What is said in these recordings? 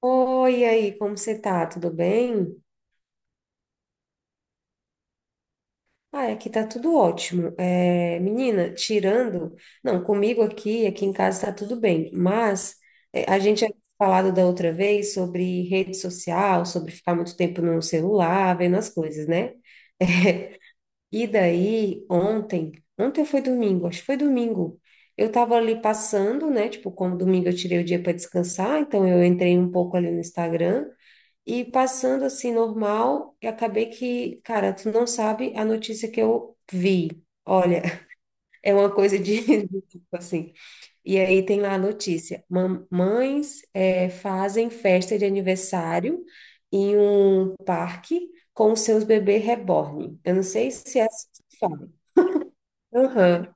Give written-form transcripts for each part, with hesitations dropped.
Oi, e aí, como você tá? Tudo bem? Ah, aqui tá tudo ótimo. Menina, tirando, não, comigo aqui, em casa tá tudo bem, mas a gente tinha falado da outra vez sobre rede social, sobre ficar muito tempo no celular, vendo as coisas, né? E daí, ontem foi domingo, acho que foi domingo. Eu tava ali passando, né? Tipo, como domingo eu tirei o dia para descansar, então eu entrei um pouco ali no Instagram. E passando assim normal, eu acabei que, cara, tu não sabe a notícia que eu vi. Olha, é uma coisa de de tipo assim. E aí tem lá a notícia: mamães fazem festa de aniversário em um parque com seus bebês reborn. Eu não sei se é assim que se fala. Aham.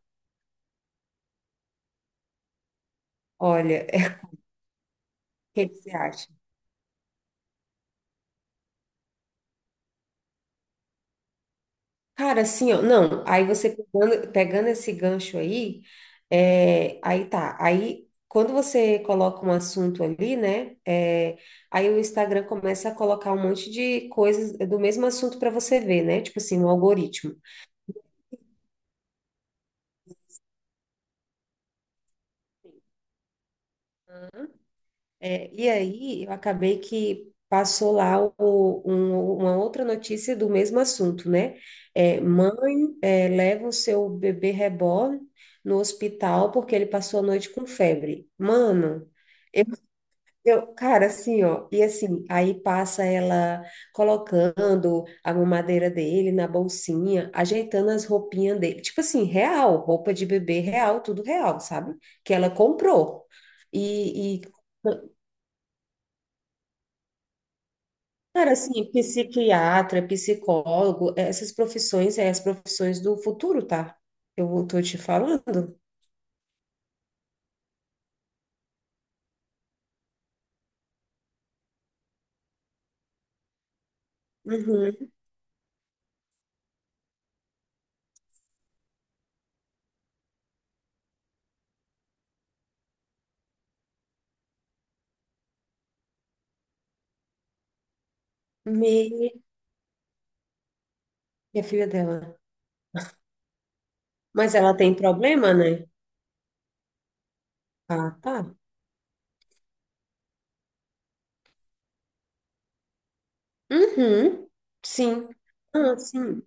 Olha, o que que você acha? Cara, assim, ó, não, aí você pegando esse gancho aí, aí tá, aí quando você coloca um assunto ali, né, aí o Instagram começa a colocar um monte de coisas do mesmo assunto para você ver, né, tipo assim, um algoritmo. É, e aí eu acabei que passou lá uma outra notícia do mesmo assunto, né. É, mãe, é, leva o seu bebê reborn no hospital porque ele passou a noite com febre. Mano... Eu, cara, assim, ó, e assim, aí passa ela colocando a mamadeira dele na bolsinha, ajeitando as roupinhas dele, tipo assim, real, roupa de bebê real, tudo real, sabe? Que ela comprou. E cara, assim, psiquiatra, psicólogo, essas profissões, é as profissões do futuro, tá? Eu tô te falando. Uhum. Me... E a filha dela. Mas ela tem problema, né? Ah, tá. Uhum, sim. Ah, sim.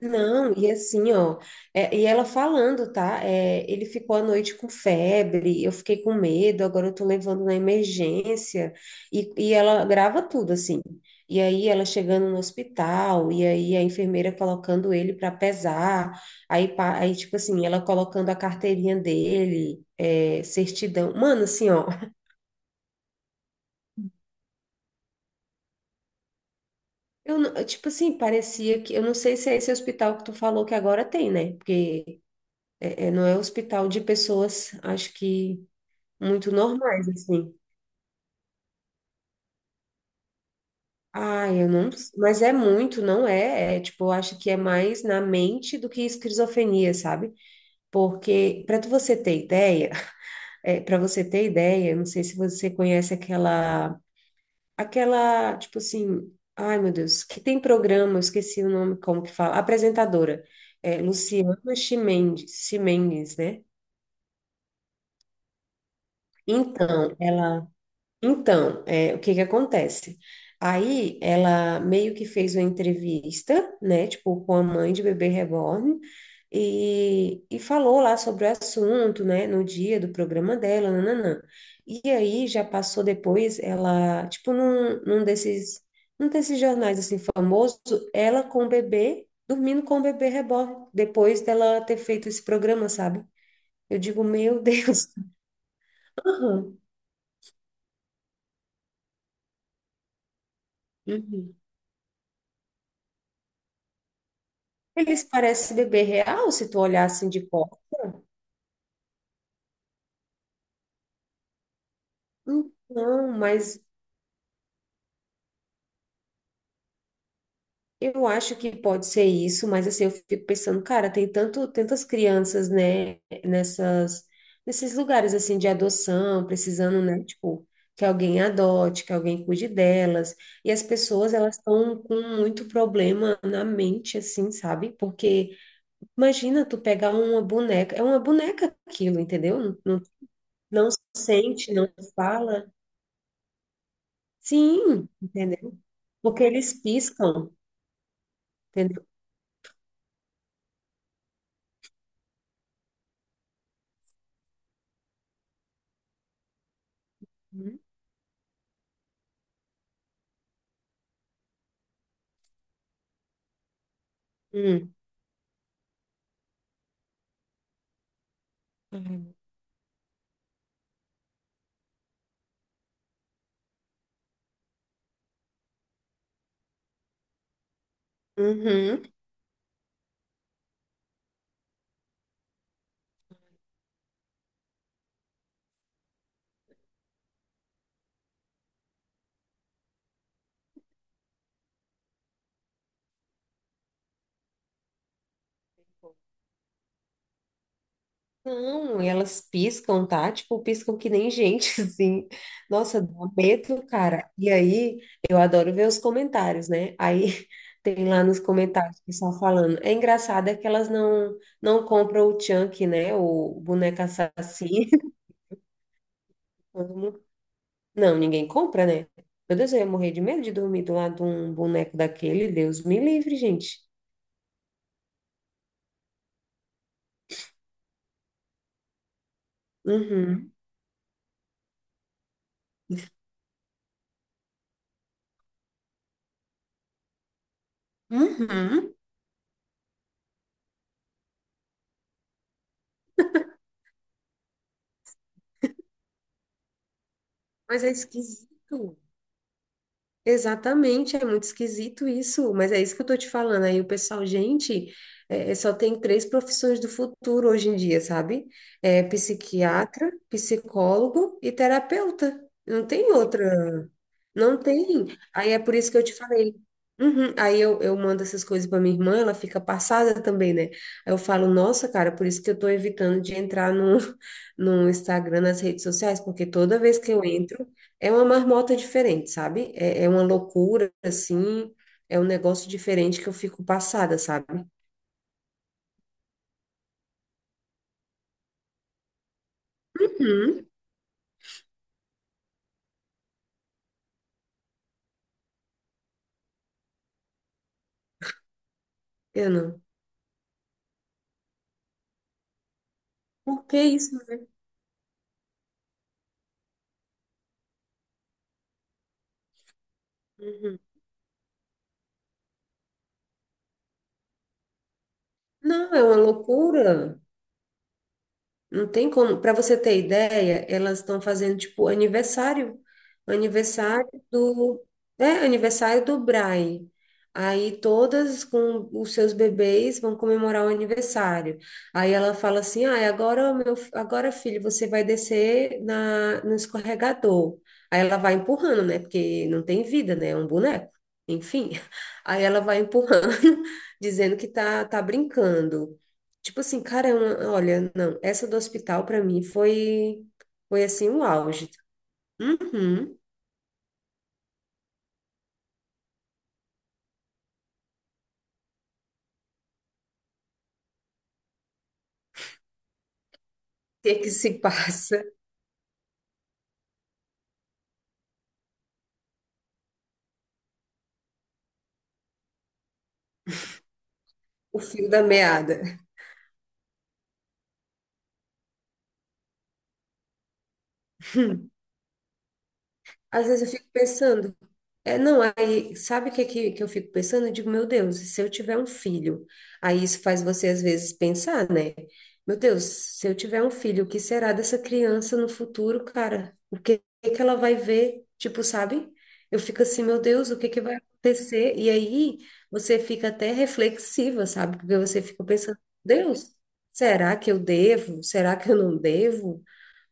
Não, e assim, ó, e ela falando, tá? É, ele ficou à noite com febre, eu fiquei com medo, agora eu tô levando na emergência, e ela grava tudo, assim. E aí ela chegando no hospital, e aí a enfermeira colocando ele para pesar, aí, pa- aí, tipo assim, ela colocando a carteirinha dele, é, certidão. Mano, assim, ó. Eu, não- tipo assim, parecia que. Eu não sei se é esse hospital que tu falou que agora tem, né? Porque é, é, não é hospital de pessoas, acho que muito normais, assim. Ah, eu não. Mas é muito, não é? É, tipo, eu acho que é mais na mente do que esquizofrenia, sabe? Porque, para você ter ideia, é, para você ter ideia, eu não sei se você conhece aquela. Aquela, tipo assim. Ai, meu Deus, que tem programa, eu esqueci o nome, como que fala? Apresentadora. É, Luciana Chimendes, Chimendes, né? Então, ela. Então, é, o que que acontece? Aí ela meio que fez uma entrevista, né, tipo, com a mãe de bebê reborn e falou lá sobre o assunto, né, no dia do programa dela, nananã. E aí já passou depois, ela, tipo, num desses jornais, assim, famoso, ela com o bebê, dormindo com o bebê reborn, depois dela ter feito esse programa, sabe? Eu digo, meu Deus. Aham. Uhum. Eles parecem bebê real, se tu olhar assim de costas. Não, mas eu acho que pode ser isso, mas assim, eu fico pensando, cara, tem tanto, tantas crianças, né, nesses lugares, assim, de adoção, precisando, né, tipo, que alguém adote, que alguém cuide delas, e as pessoas, elas estão com muito problema na mente, assim, sabe? Porque, imagina tu pegar uma boneca, é uma boneca aquilo, entendeu? Não, não sente, não fala. Sim, entendeu? Porque eles piscam, entendeu? Hum, hum. Uhum. Uhum. Não, e elas piscam, tá? Tipo, piscam que nem gente, assim. Nossa, dá um medo, cara. E aí, eu adoro ver os comentários, né? Aí tem lá nos comentários o pessoal falando. É engraçado é que elas não compram o Chunk, né? O boneco assassino. Todo mundo- Não, ninguém compra, né? Meu Deus, eu ia morrer de medo de dormir do lado de um boneco daquele. Deus me livre, gente. Uhum. Uhum. Mas é esquisito. Exatamente, é muito esquisito isso. Mas é isso que eu tô te falando. Aí o pessoal, gente, só tem três profissões do futuro hoje em dia, sabe? É psiquiatra, psicólogo e terapeuta. Não tem outra. Não tem. Aí é por isso que eu te falei. Uhum. Aí eu mando essas coisas para minha irmã, ela fica passada também, né? Aí eu falo, nossa, cara, por isso que eu tô evitando de entrar no, no Instagram, nas redes sociais, porque toda vez que eu entro, é uma marmota diferente, sabe? É uma loucura, assim, é um negócio diferente que eu fico passada, sabe? Uhum. Eu não. Por que isso, né? Uhum. Não, é uma loucura. Não tem como. Para você ter ideia, elas estão fazendo tipo aniversário, aniversário do, é, aniversário do Brian. Aí todas com os seus bebês vão comemorar o aniversário. Aí ela fala assim: "Ah, agora meu, agora filho, você vai descer na no escorregador". Aí ela vai empurrando, né? Porque não tem vida, né? É um boneco. Enfim. Aí ela vai empurrando, dizendo que tá brincando. Tipo assim, cara, eu- olha, não, essa do hospital pra mim foi, foi assim, um auge. Uhum. O que é que se passa? O fio da meada. Às vezes eu fico pensando, não, aí, sabe o que eu fico pensando? Eu digo, meu Deus, se eu tiver um filho, aí isso faz você às vezes pensar, né? Meu Deus, se eu tiver um filho, o que será dessa criança no futuro, cara? O que, que ela vai ver? Tipo, sabe? Eu fico assim, meu Deus, o que que vai acontecer? E aí você fica até reflexiva, sabe? Porque você fica pensando, Deus, será que eu devo? Será que eu não devo?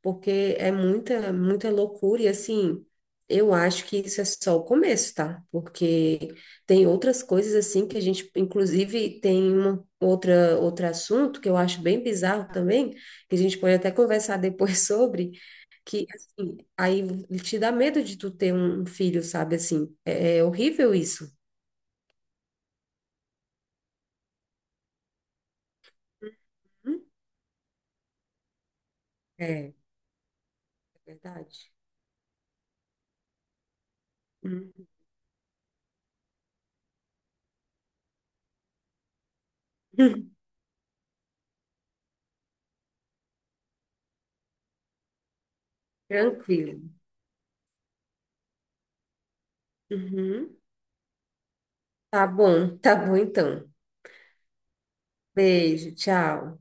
Porque é muita, muita loucura, e assim, eu acho que isso é só o começo, tá? Porque tem outras coisas assim que a gente, inclusive, tem uma outra outro assunto que eu acho bem bizarro também, que a gente pode até conversar depois sobre, que assim, aí te dá medo de tu ter um filho, sabe assim, é horrível isso. Hum? É verdade. Hum. Tranquilo. Uhum. Tá bom então. Beijo, tchau.